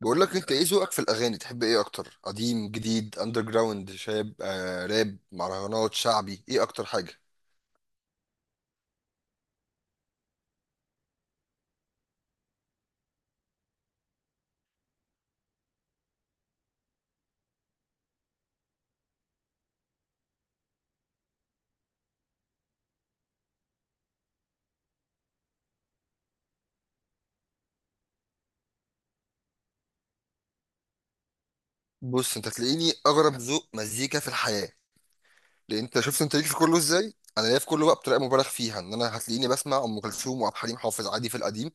بقول لك، انت ايه ذوقك في الاغاني؟ تحب ايه اكتر، قديم، جديد، اندر جراوند، شاب، راب، مهرجانات، شعبي، ايه اكتر حاجه؟ بص، انت تلاقيني اغرب ذوق مزيكا في الحياه. لان انت شفت انت ليك في كله ازاي؟ انا ليا في كله بقى بطريقه مبالغ فيها، ان انا هتلاقيني بسمع ام كلثوم وعبد الحليم حافظ عادي في القديم.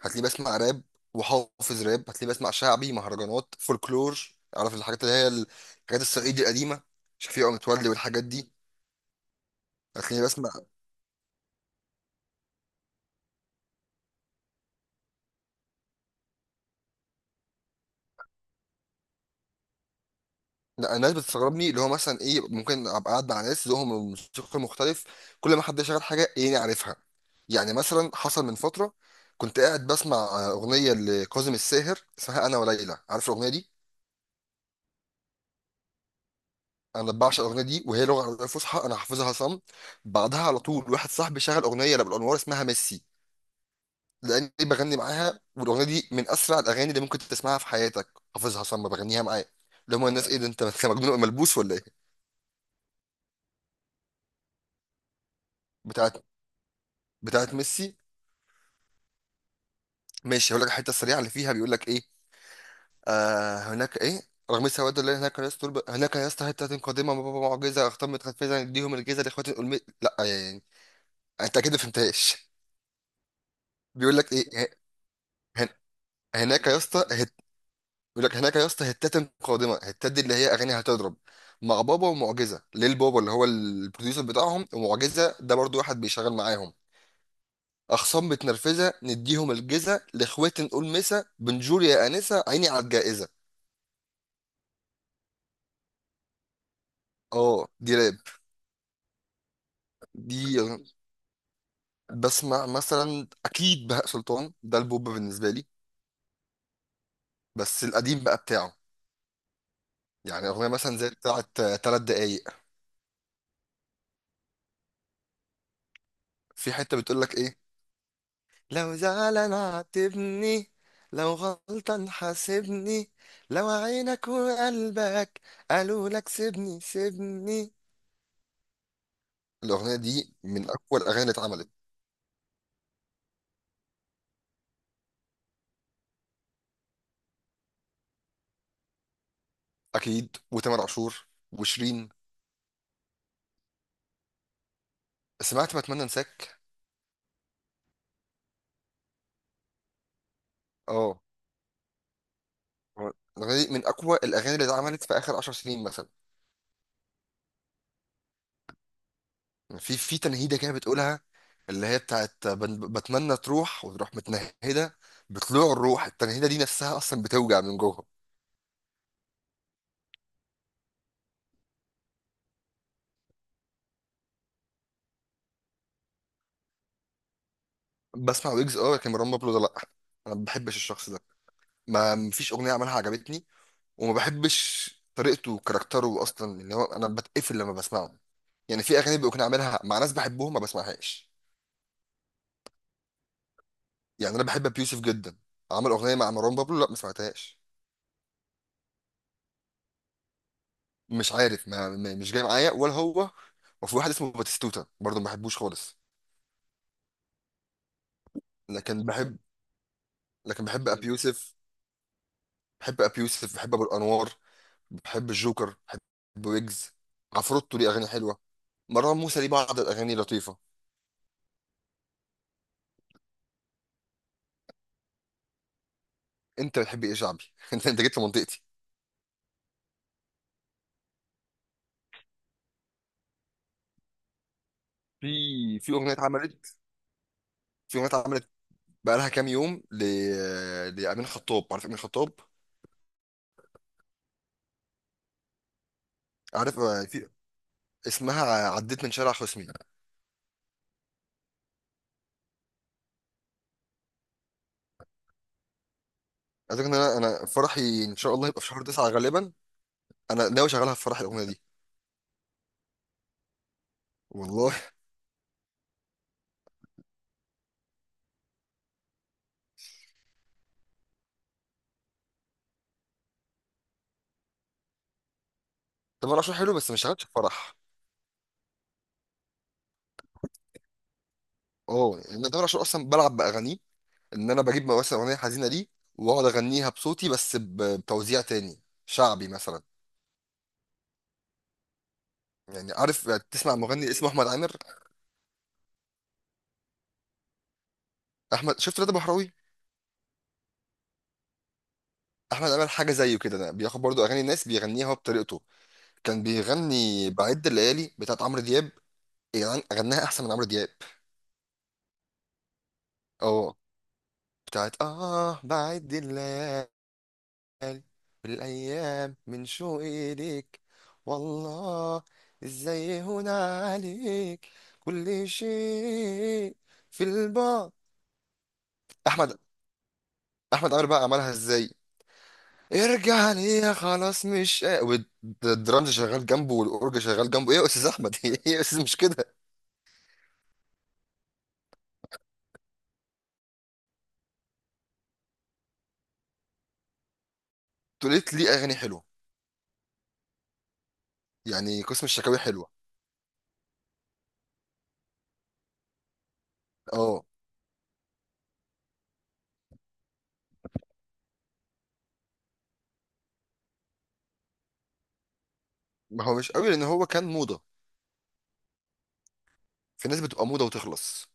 هتلاقيني بسمع راب، وحافظ راب. هتلاقيني بسمع شعبي، مهرجانات، فولكلور. عارف الحاجات اللي هي الحاجات الصعيدي القديمه، شفيقة متولي والحاجات دي. هتلاقيني بسمع. لا، الناس بتستغربني، اللي هو مثلا ايه، ممكن ابقى قاعد مع ناس ذوقهم الموسيقى مختلف، كل ما حد شغال حاجه ايه عارفها. يعني مثلا حصل من فتره، كنت قاعد بسمع اغنيه لكاظم الساهر اسمها انا وليلى، عارف الاغنيه دي؟ انا بعشق الاغنيه دي، وهي لغه عربيه فصحى، انا حافظها صم. بعدها على طول واحد صاحبي شغل اغنيه لابو الانوار اسمها ميسي، لاني بغني معاها، والاغنيه دي من اسرع الاغاني اللي ممكن تسمعها في حياتك. حافظها صم، بغنيها معاه. اللي هم الناس، ايه ده، انت مجنون ملبوس ولا ايه؟ بتاعت بتاعت ميسي. ماشي، هقول لك الحته السريعه اللي فيها بيقول لك ايه. هناك ايه، رغم السواد اللي هناك، يا اسطى هناك، يا اسطى حته قادمه، معجزه اختمت خفيزا، اديهم الجيزه لاخوات الألم. لا، يعني انت اكيد ما فهمتهاش. بيقول لك ايه، هن... هناك يا اسطى بيقول لك هناك يا اسطى هتات قادمه، هتات دي اللي هي اغاني هتضرب مع بابا ومعجزه، ليل بابا اللي هو البروديوسر بتاعهم، ومعجزه ده برضو واحد بيشغل معاهم. اخصام متنرفزه، نديهم الجيزه، لاخوات نقول مسا بنجور يا انسه، عيني على الجائزه. اه، دي راب دي. بسمع مثلا اكيد بهاء سلطان، ده البوب بالنسبه لي، بس القديم بقى بتاعه. يعني اغنيه مثلا زي بتاعه 3 دقايق. في حته بتقول لك ايه، لو زعلان عاتبني، لو غلطان حاسبني، لو عينك وقلبك قالوا لك سيبني سيبني. الاغنيه دي من اقوى الاغاني اللي اتعملت. اكيد، وتامر عاشور وشيرين. سمعت بتمنى انساك؟ اه. الاغنيه دي من اقوى الاغاني اللي اتعملت في اخر 10 سنين مثلا. في تنهيده كده بتقولها، اللي هي بتاعت بتمنى تروح، وتروح متنهده، بطلوع الروح. التنهيده دي نفسها اصلا بتوجع من جوه. بسمع ويجز اه، لكن مروان بابلو ده لا، انا ما بحبش الشخص ده. ما مفيش اغنيه عملها عجبتني، وما بحبش طريقته وكاركتره اصلا، اللي هو انا بتقفل لما بسمعه. يعني في اغاني بيكون عاملها مع ناس بحبهم ما بسمعهاش. يعني انا بحب ابيوسف جدا، عمل اغنيه مع مروان بابلو لا ما سمعتهاش. مش عارف، مش جاي معايا ولا هو. وفي واحد اسمه باتيستوتا برضه ما بحبوش خالص. لكن بحب لكن بحب ابي يوسف، بحب ابي يوسف، بحب ابو الانوار، بحب الجوكر، بحب ويجز. عفروتو ليه اغاني حلوه، مروان موسى ليه بعض الاغاني لطيفه. انت بتحب ايه شعبي؟ انت جيت لمنطقتي. في في اغنيه اتعملت في اغنيه اتعملت بقى لها كام يوم لامين خطاب، عارف امين خطاب؟ عارف في اسمها عديت من شارع خصمي. عايز أقول لك ان انا فرحي ان شاء الله هيبقى في شهر 9 غالبا، انا ناوي اشغلها في فرح الاغنيه دي. والله طب انا شغال حلو بس مش شغالش في فرح. اه، يعني انا تامر عاشور اصلا بلعب باغانيه، ان انا بجيب مثلا اغنيه حزينه ليه، واقعد اغنيها بصوتي بس بتوزيع تاني شعبي مثلا. يعني عارف، تسمع مغني اسمه احمد عامر؟ شفت رضا بحراوي؟ احمد عامر حاجه زيه كده، ده بياخد برضو اغاني الناس بيغنيها هو بطريقته. كان بيغني بعد الليالي بتاعت عمرو دياب، يعني غناها احسن من عمرو دياب. اه، بتاعت بعد الليالي، الأمل والأيام من شوقي ليك، والله إزاي هنا عليك، كل شيء في البعد. أحمد أحمد عمرو بقى عملها إزاي، ارجع ليا خلاص مش والدرامز شغال جنبه، والأورج شغال جنبه، إيه يا أستاذ أحمد؟ إيه يا أستاذ، مش كده. توليت ليه أغاني حلوة، يعني قسم الشكاوي حلوة. أه. ما هو مش قوي لأن هو كان موضة، في ناس بتبقى موضة وتخلص.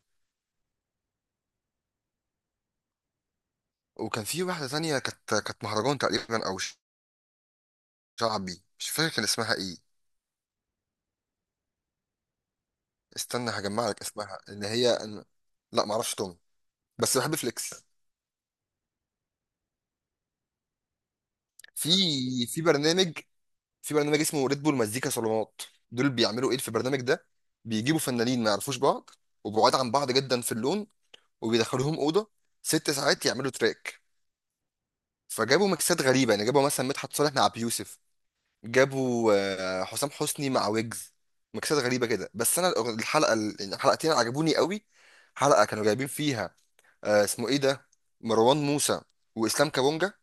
وكان في واحدة تانية، كانت مهرجان تقريبا أو شعبي، مش فاكر كان اسمها ايه. استنى هجمع لك اسمها، ان هي أنا. لا، ما اعرفش توم، بس بحب فليكس. في في برنامج في برنامج اسمه ريد بول مزيكا صالونات. دول بيعملوا ايه في البرنامج ده؟ بيجيبوا فنانين ما يعرفوش بعض، وبعاد عن بعض جدا في اللون، وبيدخلوهم اوضه 6 ساعات يعملوا تراك. فجابوا ميكسات غريبه، يعني جابوا مثلا مدحت صالح مع ابي يوسف، جابوا حسام حسني مع ويجز. ميكسات غريبه كده، بس انا يعني الحلقتين عجبوني قوي. حلقه كانوا جايبين فيها، اسمه ايه ده، مروان موسى واسلام كابونجا.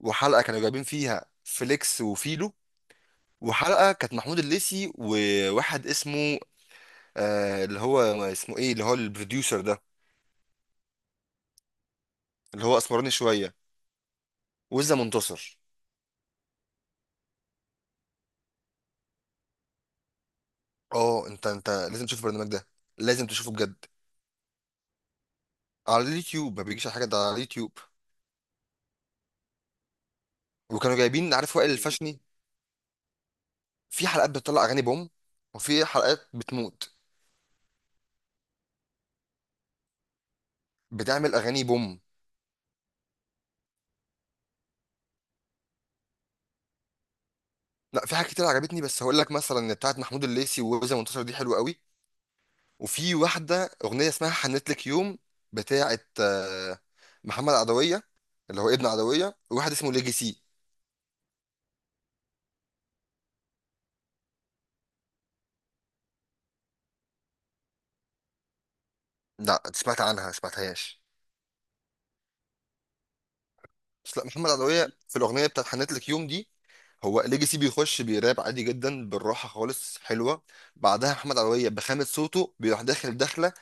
وحلقه كانوا جايبين فيها فليكس وفيلو. وحلقه كانت محمود الليثي وواحد اسمه، اللي هو اسمه ايه، اللي هو البروديوسر ده، اللي هو اسمراني شويه، وزة منتصر. اه، انت لازم تشوف البرنامج ده، لازم تشوفه بجد. على اليوتيوب، ما بيجيش على حاجه، ده على اليوتيوب. وكانوا جايبين، عارف وائل الفشني؟ في حلقات بتطلع اغاني بوم، وفي حلقات بتموت. بتعمل اغاني بوم. لا، في حاجات كتير عجبتني، بس هقول لك مثلا بتاعت محمود الليثي ووزن منتصر دي حلوه قوي. وفي واحده اغنيه اسمها حنت لك يوم، بتاعت محمد عدويه، اللي هو ابن عدويه، وواحد اسمه ليجيسي. لا، سمعت عنها سمعتهاش. بس لا، محمد عدويه في الاغنيه بتاعت حنت لك يوم دي، هو ليجيسي بيخش بيراب عادي جدا بالراحه خالص حلوه. بعدها محمد عدويه بخامه صوته بيروح داخل داخله،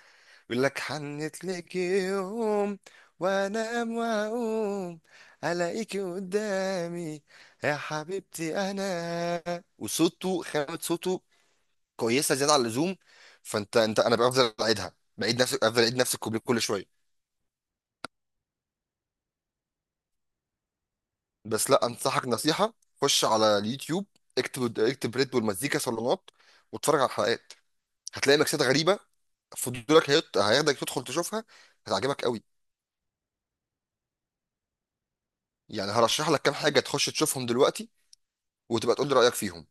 يقول لك حنت لك يوم، وانام واقوم الاقيكي قدامي، يا حبيبتي انا. وصوته، خامة صوته كويسة زيادة عن اللزوم. فانت انا بفضل اعيدها بعيد نفس، افضل اعيد نفس الكوبليه كل شوية. بس لا، انصحك نصيحة، خش على اليوتيوب، اكتب اكتب ريد بول مزيكا صالونات، واتفرج على الحلقات، هتلاقي ميكسات غريبة، فضولك هياخدك تدخل تشوفها، هتعجبك قوي. يعني هرشح لك كام حاجة تخش تشوفهم دلوقتي وتبقى تقول لي رأيك فيهم.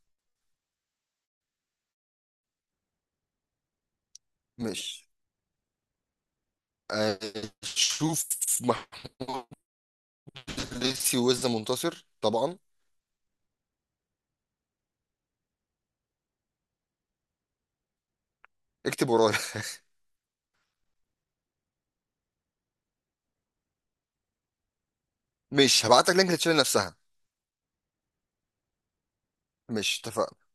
ماشي، آه، شوف محلتي وزة منتصر طبعا، اكتب ورايا ماشي هبعت لك لينك للتشانل نفسها. ماشي، اتفقنا.